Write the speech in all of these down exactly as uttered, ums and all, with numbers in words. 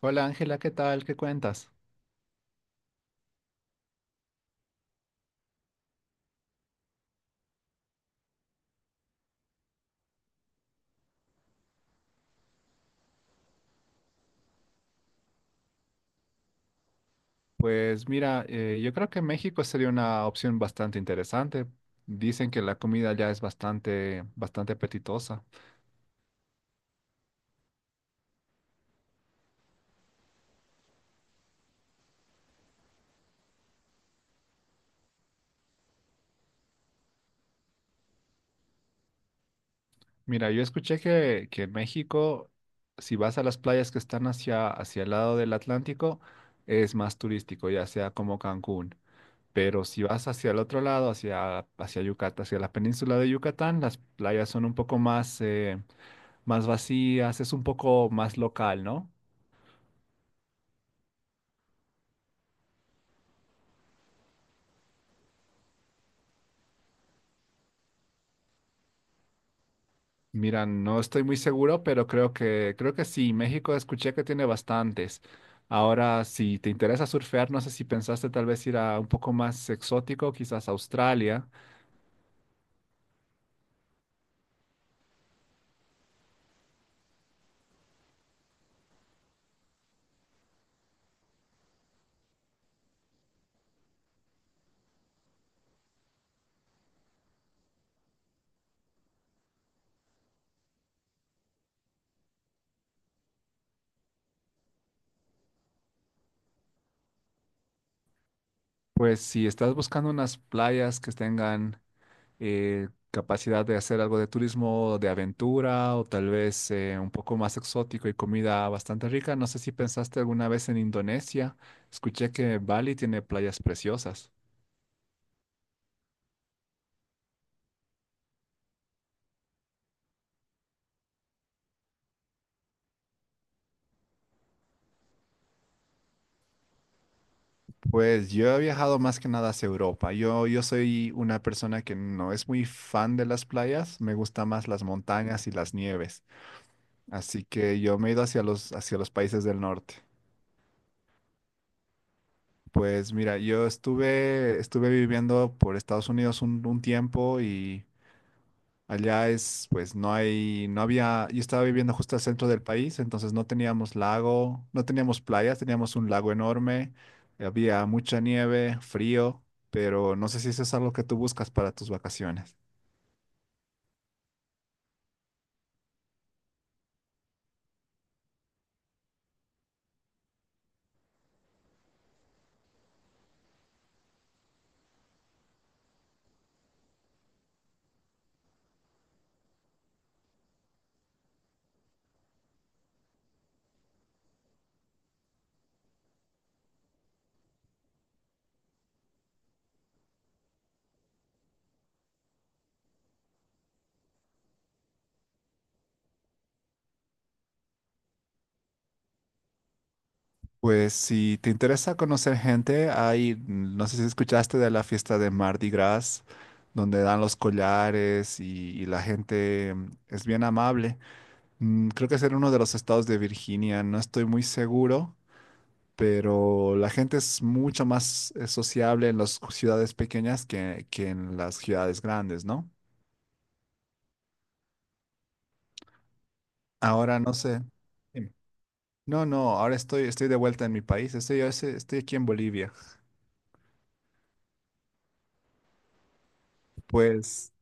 Hola Ángela, ¿qué tal? ¿Qué cuentas? Pues mira, eh, yo creo que México sería una opción bastante interesante. Dicen que la comida ya es bastante, bastante apetitosa. Mira, yo escuché que, que en México, si vas a las playas que están hacia, hacia el lado del Atlántico, es más turístico, ya sea como Cancún. Pero si vas hacia el otro lado, hacia, hacia Yucatán, hacia la península de Yucatán, las playas son un poco más, eh, más vacías, es un poco más local, ¿no? Mira, no estoy muy seguro, pero creo que, creo que sí. México escuché que tiene bastantes. Ahora, si te interesa surfear, no sé si pensaste tal vez ir a un poco más exótico, quizás Australia. Pues si estás buscando unas playas que tengan eh, capacidad de hacer algo de turismo de aventura o tal vez eh, un poco más exótico y comida bastante rica, no sé si pensaste alguna vez en Indonesia. Escuché que Bali tiene playas preciosas. Pues yo he viajado más que nada hacia Europa. Yo, yo soy una persona que no es muy fan de las playas, me gustan más las montañas y las nieves. Así que yo me he ido hacia los, hacia los países del norte. Pues mira, yo estuve, estuve viviendo por Estados Unidos un, un tiempo y allá es, pues no hay, no había, yo estaba viviendo justo al centro del país, entonces no teníamos lago, no teníamos playas, teníamos un lago enorme, había mucha nieve, frío, pero no sé si eso es algo que tú buscas para tus vacaciones. Pues si te interesa conocer gente, hay, no sé si escuchaste de la fiesta de Mardi Gras, donde dan los collares y, y la gente mm, es bien amable. Mm, Creo que es en uno de los estados de Virginia, no estoy muy seguro, pero la gente es mucho más eh, sociable en las ciudades pequeñas que, que en las ciudades grandes, ¿no? Ahora no sé. Dime. No, no, ahora estoy, estoy de vuelta en mi país, estoy, estoy estoy aquí en Bolivia. Pues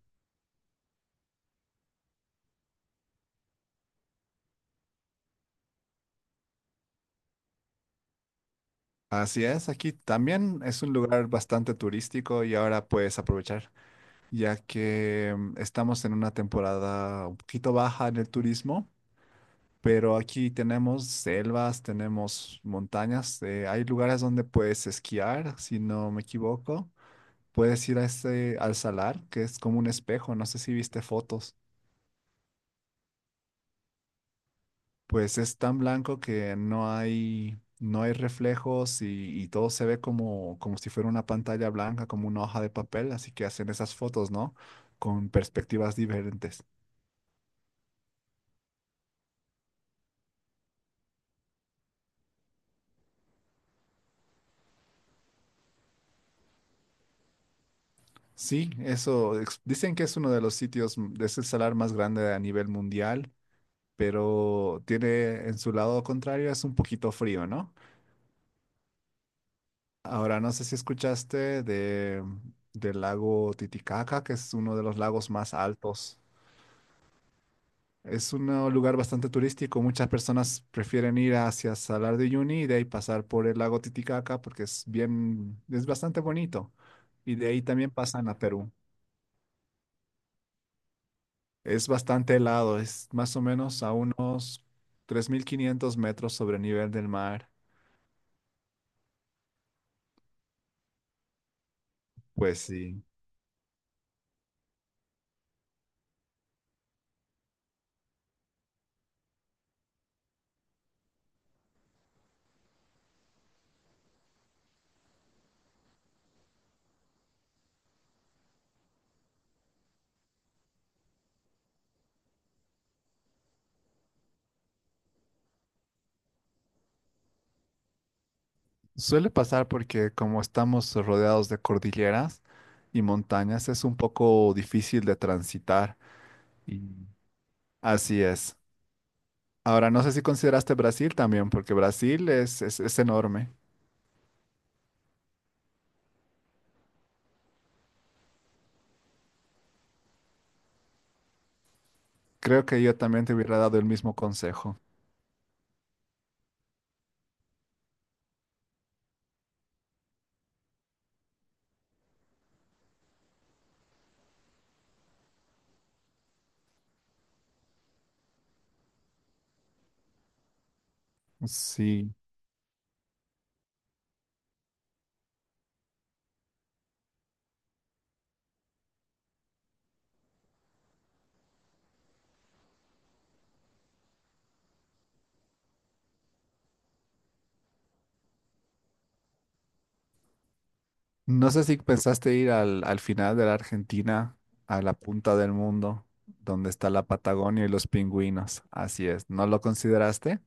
así es, aquí también es un lugar bastante turístico y ahora puedes aprovechar, ya que mm, estamos en una temporada un poquito baja en el turismo. Pero aquí tenemos selvas, tenemos montañas, eh, hay lugares donde puedes esquiar, si no me equivoco. Puedes ir a este, al salar, que es como un espejo, no sé si viste fotos. Pues es tan blanco que no hay, no hay reflejos y, y todo se ve como, como si fuera una pantalla blanca, como una hoja de papel, así que hacen esas fotos, ¿no? Con perspectivas diferentes. Sí, eso, ex- dicen que es uno de los sitios, m- es el salar más grande a nivel mundial, pero tiene en su lado contrario, es un poquito frío, ¿no? Ahora, no sé si escuchaste de, del lago Titicaca, que es uno de los lagos más altos. Es un eh, lugar bastante turístico. Muchas personas prefieren ir hacia Salar de Uyuni y de ahí pasar por el lago Titicaca porque es bien, es bastante bonito. Y de ahí también pasan a Perú. Es bastante helado, es más o menos a unos tres mil quinientos metros sobre el nivel del mar. Pues sí. Suele pasar porque como estamos rodeados de cordilleras y montañas, es un poco difícil de transitar. Y así es. Ahora, no sé si consideraste Brasil también, porque Brasil es, es, es enorme. Creo que yo también te hubiera dado el mismo consejo. Sí. No sé si pensaste ir al, al final de la Argentina, a la punta del mundo, donde está la Patagonia y los pingüinos. Así es. ¿No lo consideraste?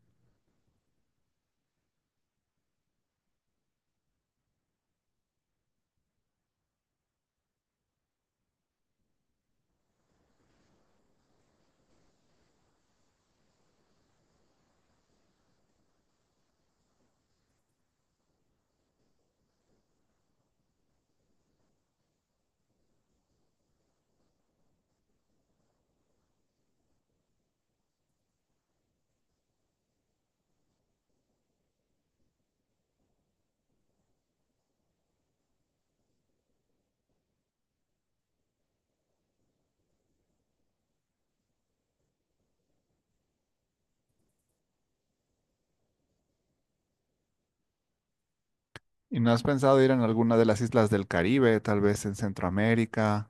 ¿Y no has pensado ir en alguna de las islas del Caribe, tal vez en Centroamérica,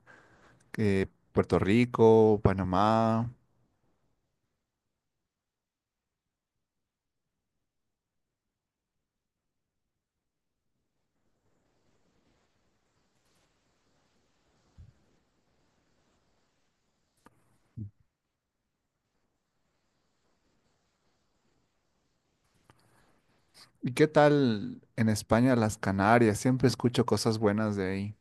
eh, Puerto Rico, Panamá? ¿Y qué tal en España, las Canarias? Siempre escucho cosas buenas de ahí.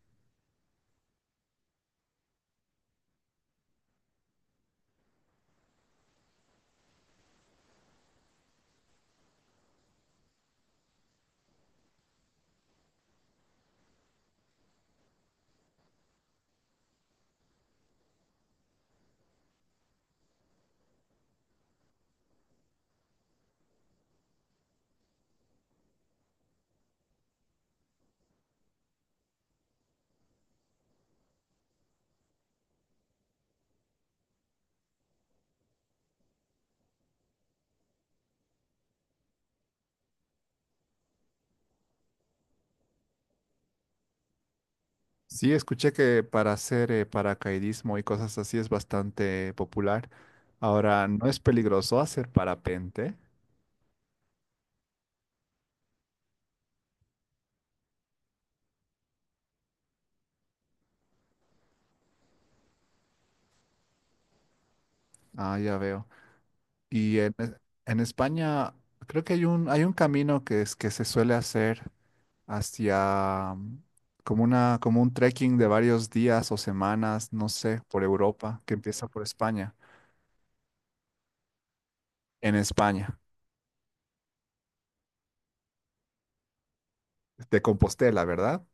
Sí, escuché que para hacer eh, paracaidismo y cosas así es bastante popular. Ahora, ¿no es peligroso hacer parapente? Ah, ya veo. Y en, es- en España creo que hay un, hay un camino que, es, que se suele hacer hacia mm, como una, como un trekking de varios días o semanas, no sé, por Europa, que empieza por España, en España, de Compostela, ¿verdad?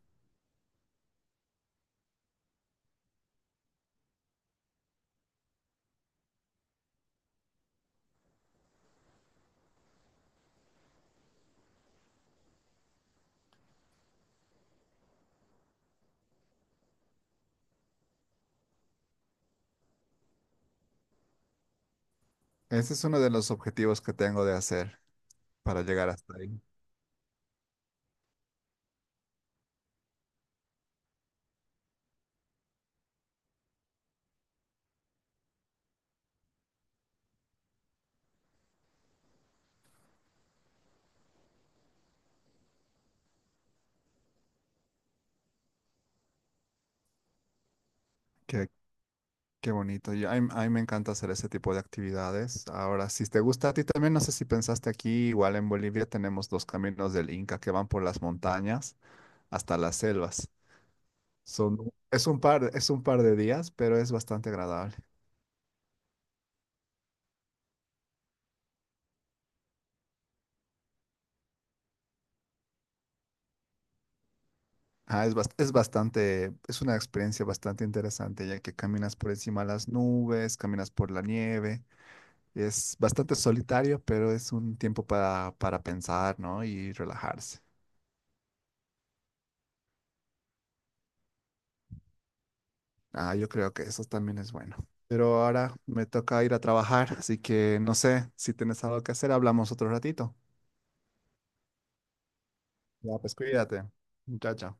Ese es uno de los objetivos que tengo de hacer para llegar hasta ahí. Qué, qué bonito. Y a mí, a mí me encanta hacer ese tipo de actividades. Ahora, si te gusta a ti también, no sé si pensaste aquí, igual en Bolivia tenemos los caminos del Inca que van por las montañas hasta las selvas. Son, un- es un par, es un par de días, pero es bastante agradable. Ah, es, bas- es bastante, es una experiencia bastante interesante, ya que caminas por encima de las nubes, caminas por la nieve. Es bastante solitario, pero es un tiempo para, para pensar, ¿no? Y relajarse. Ah, yo creo que eso también es bueno. Pero ahora me toca ir a trabajar, así que no sé si tienes algo que hacer, hablamos otro ratito. Ya, pues cuídate. Chao, chao.